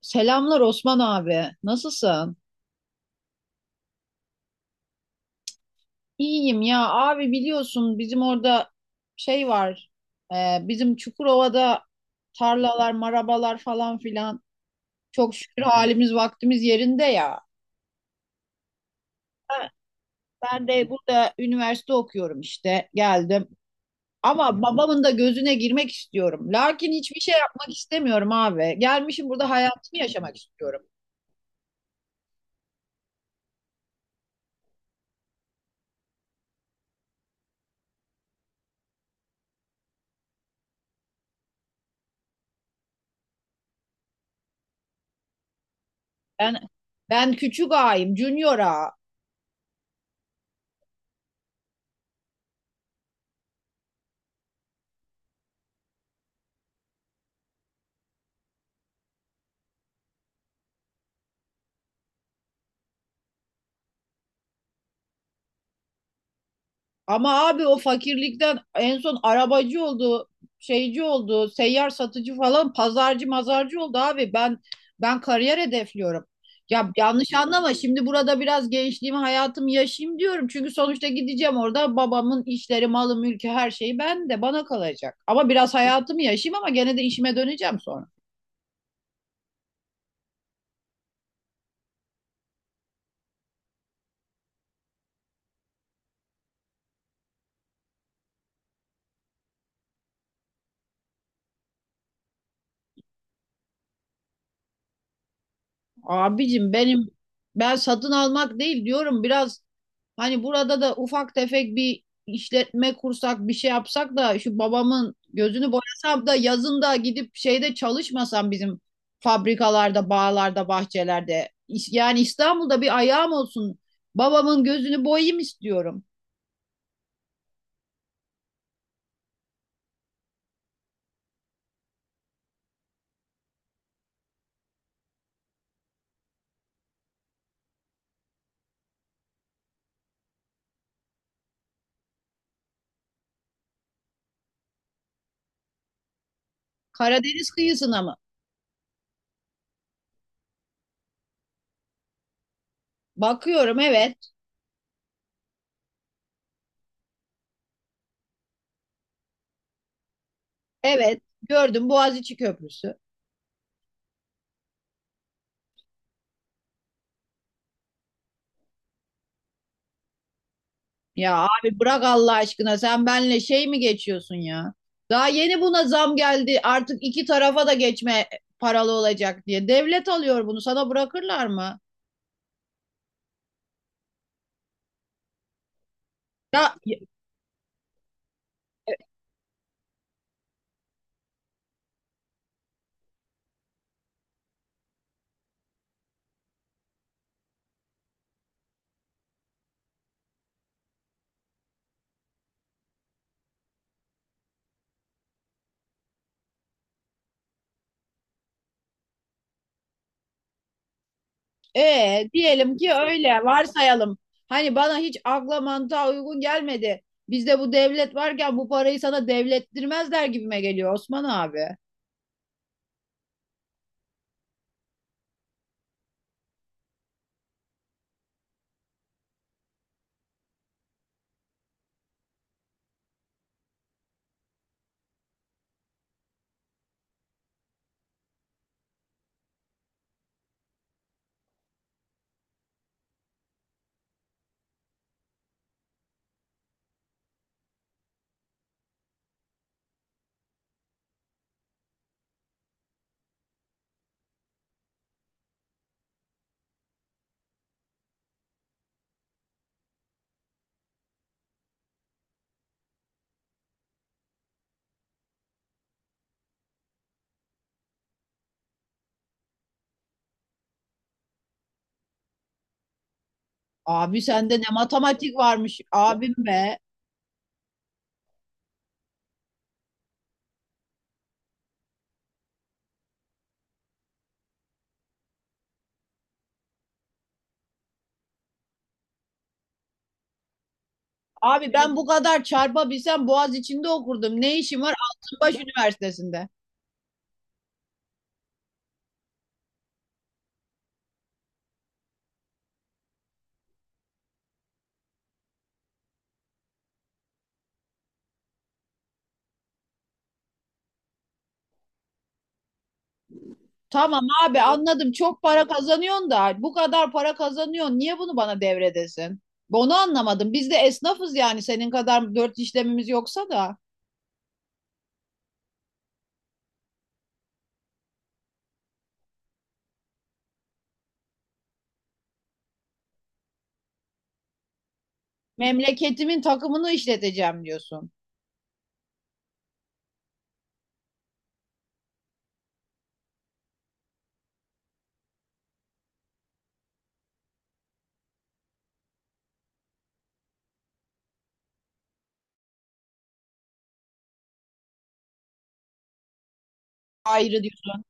Selamlar Osman abi. Nasılsın? İyiyim ya abi biliyorsun bizim orada şey var. Bizim Çukurova'da tarlalar, marabalar falan filan. Çok şükür halimiz vaktimiz yerinde ya. Ha, ben de burada üniversite okuyorum işte. Geldim. Ama babamın da gözüne girmek istiyorum. Lakin hiçbir şey yapmak istemiyorum abi. Gelmişim burada hayatımı yaşamak istiyorum. Ben ben küçük ağayım, junior ağa. Ama abi o fakirlikten en son arabacı oldu, şeyci oldu, seyyar satıcı falan, pazarcı mazarcı oldu abi. Ben kariyer hedefliyorum. Ya yanlış anlama, şimdi burada biraz gençliğimi hayatımı yaşayayım diyorum. Çünkü sonuçta gideceğim, orada babamın işleri, malı, mülkü her şeyi ben de bana kalacak. Ama biraz hayatımı yaşayayım, ama gene de işime döneceğim sonra. Abicim benim, ben satın almak değil diyorum, biraz hani burada da ufak tefek bir işletme kursak, bir şey yapsak da şu babamın gözünü boyasam da yazın da gidip şeyde çalışmasam bizim fabrikalarda, bağlarda, bahçelerde. Yani İstanbul'da bir ayağım olsun. Babamın gözünü boyayım istiyorum. Karadeniz kıyısına mı? Bakıyorum, evet. Evet. Gördüm, Boğaziçi Köprüsü. Ya abi bırak Allah aşkına, sen benle şey mi geçiyorsun ya? Daha yeni buna zam geldi, artık iki tarafa da geçme paralı olacak diye. Devlet alıyor bunu, sana bırakırlar mı? Ya diyelim ki, öyle varsayalım. Hani bana hiç akla mantığa uygun gelmedi. Bizde bu devlet varken bu parayı sana devlettirmezler gibime geliyor Osman abi. Abi sende ne matematik varmış abim be. Abi ben bu kadar çarpabilsem Boğaz içinde okurdum. Ne işim var Altınbaş Üniversitesi'nde? Tamam abi, anladım. Çok para kazanıyorsun da, bu kadar para kazanıyorsun. Niye bunu bana devredesin? Onu anlamadım. Biz de esnafız yani, senin kadar dört işlemimiz yoksa da. Memleketimin takımını işleteceğim diyorsun. Ayrı diyorsun.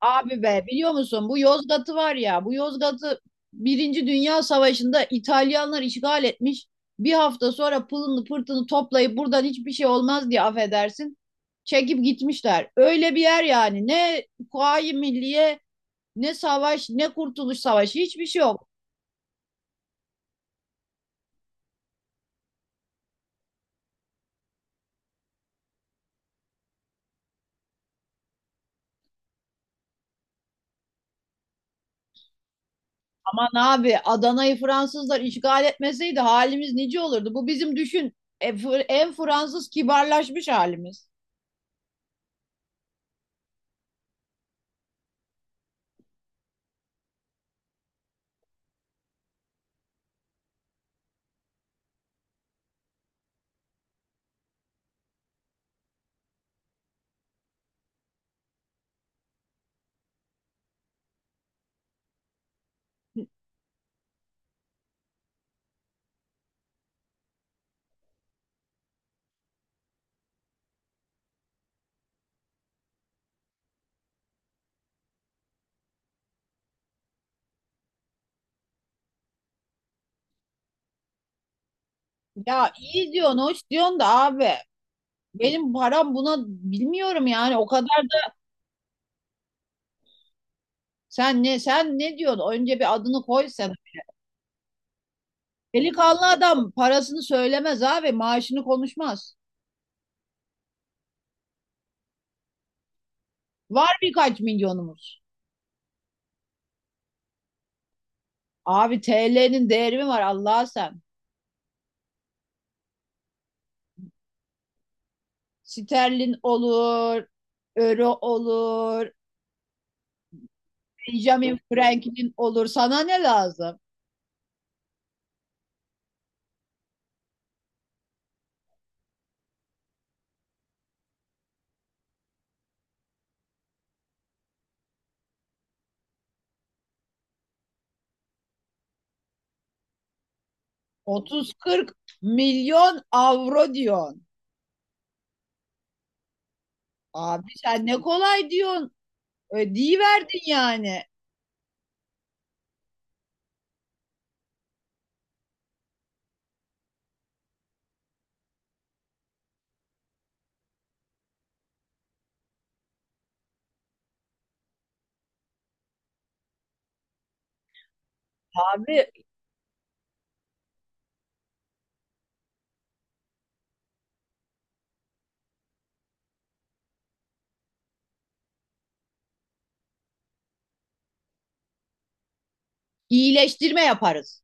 Abi be, biliyor musun bu Yozgat'ı, var ya bu Yozgat'ı Birinci Dünya Savaşı'nda İtalyanlar işgal etmiş. Bir hafta sonra pılını pırtını toplayıp buradan hiçbir şey olmaz diye, affedersin, çekip gitmişler. Öyle bir yer yani, ne Kuvayi Milliye, ne savaş, ne Kurtuluş Savaşı, hiçbir şey yok. Aman abi, Adana'yı Fransızlar işgal etmeseydi halimiz nice olurdu. Bu bizim düşün en Fransız kibarlaşmış halimiz. Hı. Ya iyi diyorsun, hoş diyorsun da abi. Benim param buna bilmiyorum yani, o kadar da sen ne diyorsun? Önce bir adını koy sen. Delikanlı adam parasını söylemez abi, maaşını konuşmaz. Var birkaç milyonumuz. Abi TL'nin değeri mi var Allah'a sen? Sterling olur, Euro olur, Benjamin Franklin olur. Sana ne lazım? 30-40 milyon avro diyorsun. Abi sen ne kolay diyorsun. Ödeyi verdin yani. Abi iyileştirme yaparız.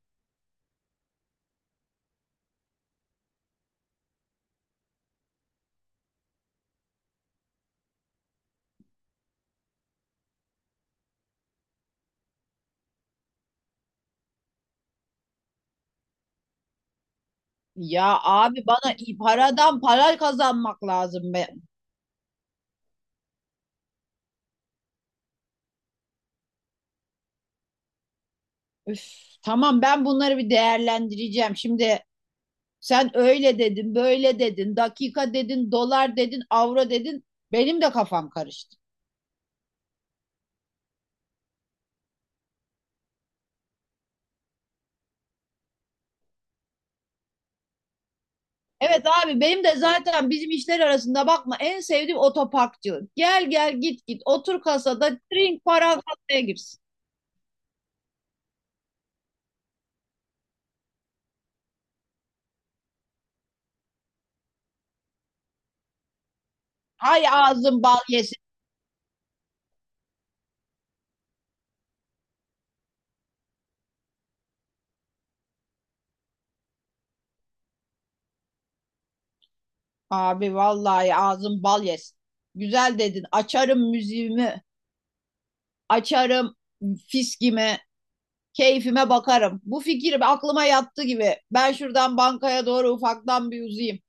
Ya abi bana paradan para kazanmak lazım be. Üf, tamam, ben bunları bir değerlendireceğim. Şimdi sen öyle dedin, böyle dedin, dakika dedin, dolar dedin, avro dedin. Benim de kafam karıştı. Evet abi, benim de zaten bizim işler arasında bakma en sevdiğim otoparkçılık. Gel gel git git, otur kasada, drink paran kasaya girsin. Hay ağzın bal yesin. Abi vallahi ağzın bal yesin. Güzel dedin, açarım müziğimi, açarım fiskimi, keyfime bakarım. Bu fikir aklıma yattı gibi, ben şuradan bankaya doğru ufaktan bir uzayım.